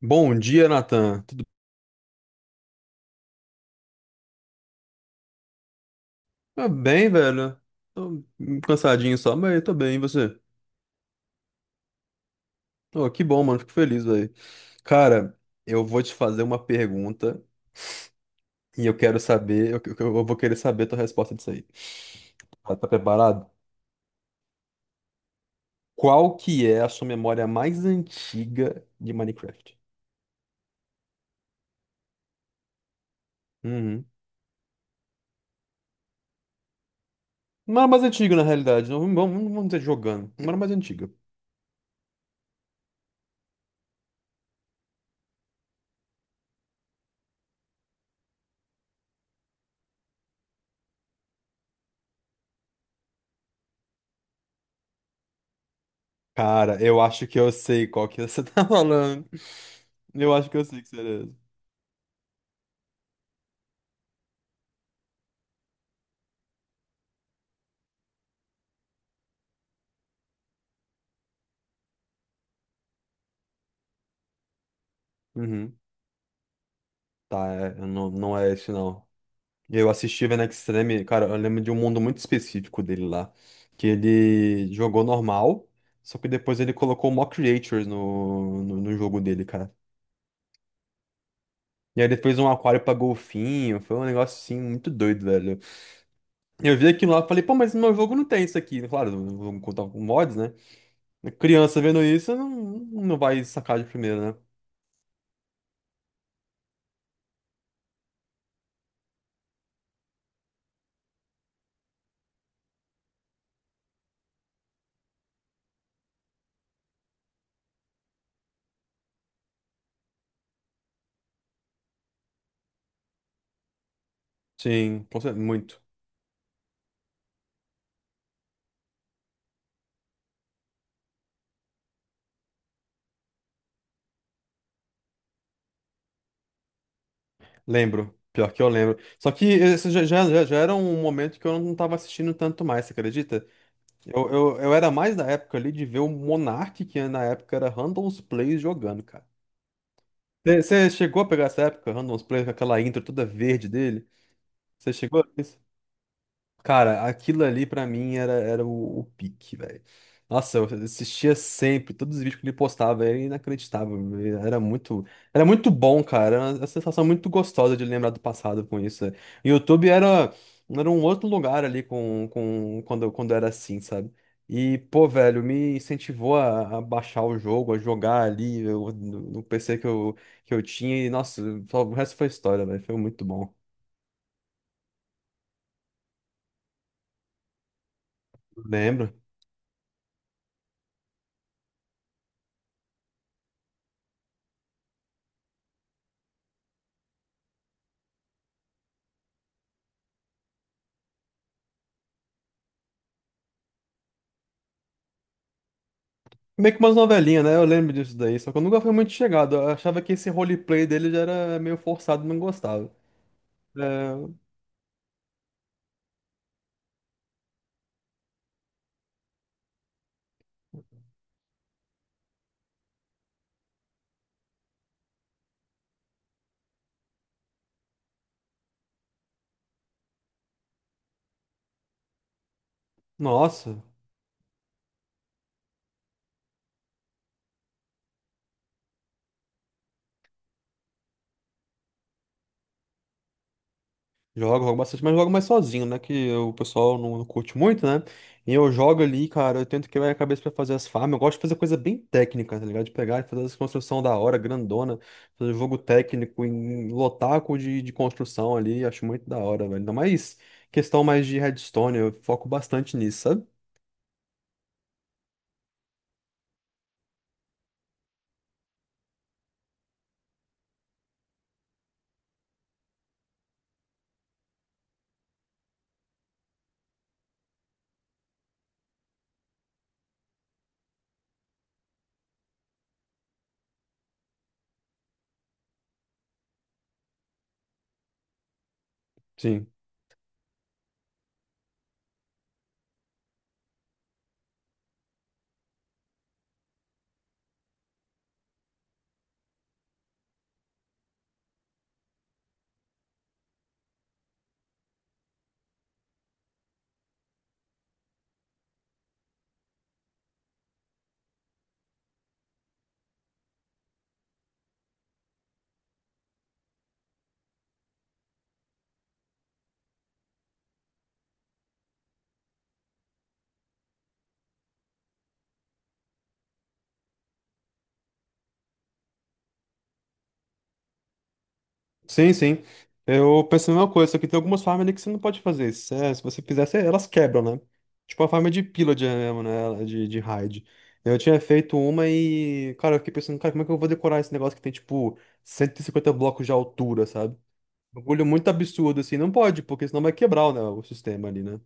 Bom dia, Nathan. Tudo tá bem, velho? Tô um cansadinho só, mas tô bem, e você? Oh, que bom, mano. Fico feliz, velho. Cara, eu vou te fazer uma pergunta e eu quero saber, eu vou querer saber a tua resposta disso aí. Tá, tá preparado? Qual que é a sua memória mais antiga de Minecraft? Uhum. Não era mais antiga, na realidade. Não, vamos dizer jogando. Não era mais antiga. Cara, eu acho que eu sei qual que você tá falando. Eu acho que eu sei que será essa. Uhum. Tá, eu não, não é esse não. Eu assisti o Extreme, cara, eu lembro de um mundo muito específico dele lá. Que ele jogou normal, só que depois ele colocou mock creatures no jogo dele, cara. E aí ele fez um aquário pra golfinho, foi um negócio assim muito doido, velho. Eu vi aquilo lá e falei, pô, mas no meu jogo não tem isso aqui. Claro, vamos contar com mods, né? Criança vendo isso, não não vai sacar de primeira, né? Sim, muito. Lembro. Pior que eu lembro. Só que esse já era um momento que eu não tava assistindo tanto mais, você acredita? Eu era mais da época ali de ver o Monark, que na época era Random's Plays jogando, cara. Você chegou a pegar essa época, Random's Plays, com aquela intro toda verde dele? Você chegou a isso? Cara, aquilo ali pra mim era o pique, velho. Nossa, eu assistia sempre, todos os vídeos que ele postava, era inacreditável. Era muito, era muito bom, cara. Era uma sensação muito gostosa de lembrar do passado com isso, né? E o YouTube era um outro lugar ali quando era assim, sabe? E, pô, velho, me incentivou a baixar o jogo, a jogar ali no PC que eu tinha. E, nossa, o resto foi história, velho. Foi muito bom. Lembro. Meio que umas novelinhas, né? Eu lembro disso daí, só que eu nunca fui muito chegado. Eu achava que esse roleplay dele já era meio forçado, não gostava. É, nossa, jogo bastante, mas jogo mais sozinho, né? Que o pessoal não curte muito, né? E eu jogo ali, cara, eu tento quebrar a cabeça pra fazer as farms. Eu gosto de fazer coisa bem técnica, tá ligado? De pegar e fazer as construções da hora, grandona, fazer jogo técnico em lotaco de construção ali, acho muito da hora, velho. Ainda mais questão mais de redstone, eu foco bastante nisso, sabe? Sim. Sim, sim. Eu pensei na mesma coisa, só que tem algumas farms ali que você não pode fazer isso. É, se você fizer, elas quebram, né? Tipo a farm de pillager mesmo, né? De raid. Eu tinha feito uma e, cara, eu fiquei pensando, cara, como é que eu vou decorar esse negócio que tem, tipo, 150 blocos de altura, sabe? Um bagulho muito absurdo, assim. Não pode, porque senão vai quebrar, né, o sistema ali, né?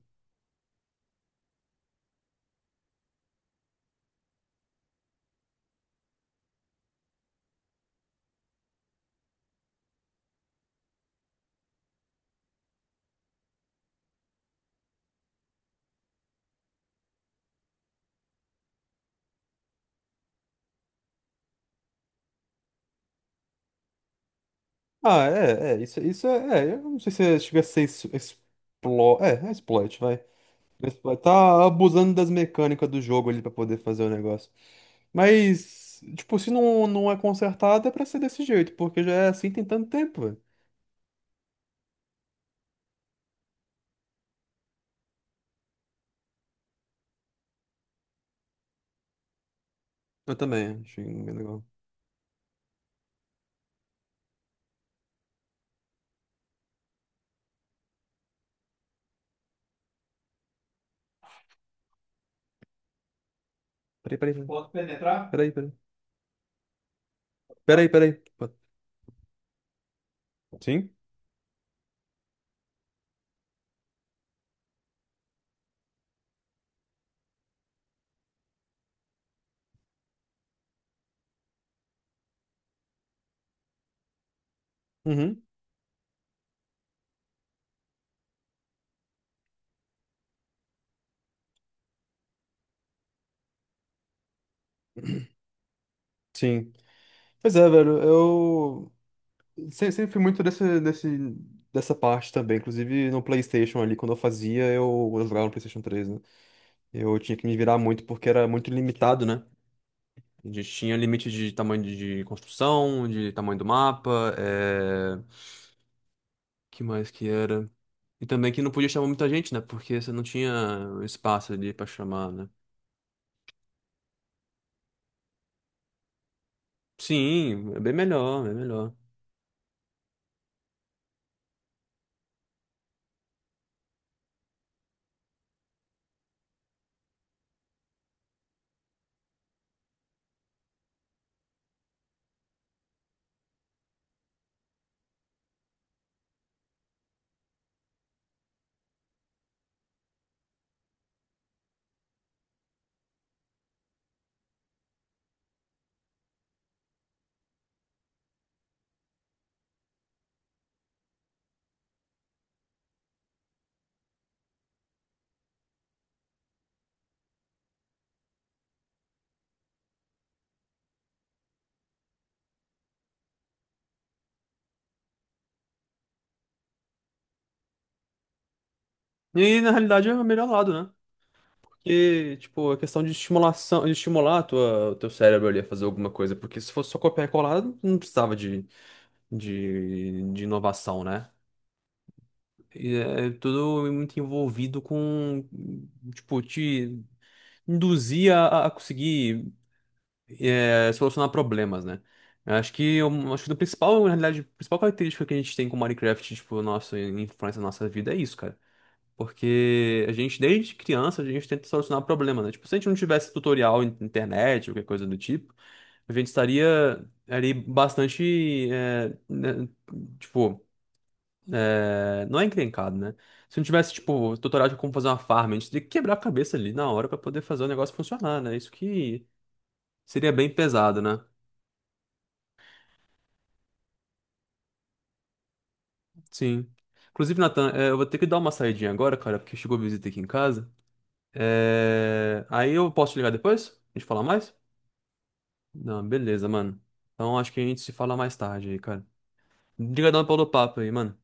Ah, é, é. Isso é, é. Eu não sei se chega a ser exploit. É, é exploit, vai. Mas pô, tá abusando das mecânicas do jogo ali pra poder fazer o negócio. Mas, tipo, se não é consertado, é pra ser desse jeito, porque já é assim tem tanto tempo, velho. Eu também, achei bem legal. Peraí, peraí, peraí. Posso penetrar? Peraí, peraí. Peraí, peraí. Pô, sim? Uhum. Sim. Pois é, velho, eu se- sempre fui muito dessa parte também. Inclusive no PlayStation ali, quando eu fazia, eu jogava no PlayStation 3, né? Eu tinha que me virar muito porque era muito limitado, né? A gente tinha limite de tamanho de construção, de tamanho do mapa, que mais que era? E também que não podia chamar muita gente, né? Porque você não tinha espaço ali pra chamar, né? Sim, é bem melhor, é melhor. E na realidade é o melhor lado, né? Porque, tipo, é questão de estimulação, de estimular o teu cérebro ali a fazer alguma coisa. Porque se fosse só copiar e colar, não precisava de inovação, né? E é tudo muito envolvido com, tipo, te induzir a conseguir solucionar problemas, né? Eu acho que do principal, na realidade, a principal característica que a gente tem com Minecraft, tipo, nossa influência na nossa vida é isso, cara. Porque a gente, desde criança, a gente tenta solucionar problema, né? Tipo, se a gente não tivesse tutorial na internet, ou qualquer coisa do tipo, a gente estaria ali bastante, né, tipo, não é encrencado, né? Se não tivesse, tipo, tutorial de como fazer uma farm, a gente teria que quebrar a cabeça ali na hora pra poder fazer o negócio funcionar, né? Isso que seria bem pesado, né? Sim. Inclusive, Nathan, eu vou ter que dar uma saidinha agora, cara, porque chegou visita aqui em casa. Aí eu posso te ligar depois? A gente fala mais? Não, beleza, mano. Então acho que a gente se fala mais tarde aí, cara. Obrigadão pelo papo aí, mano.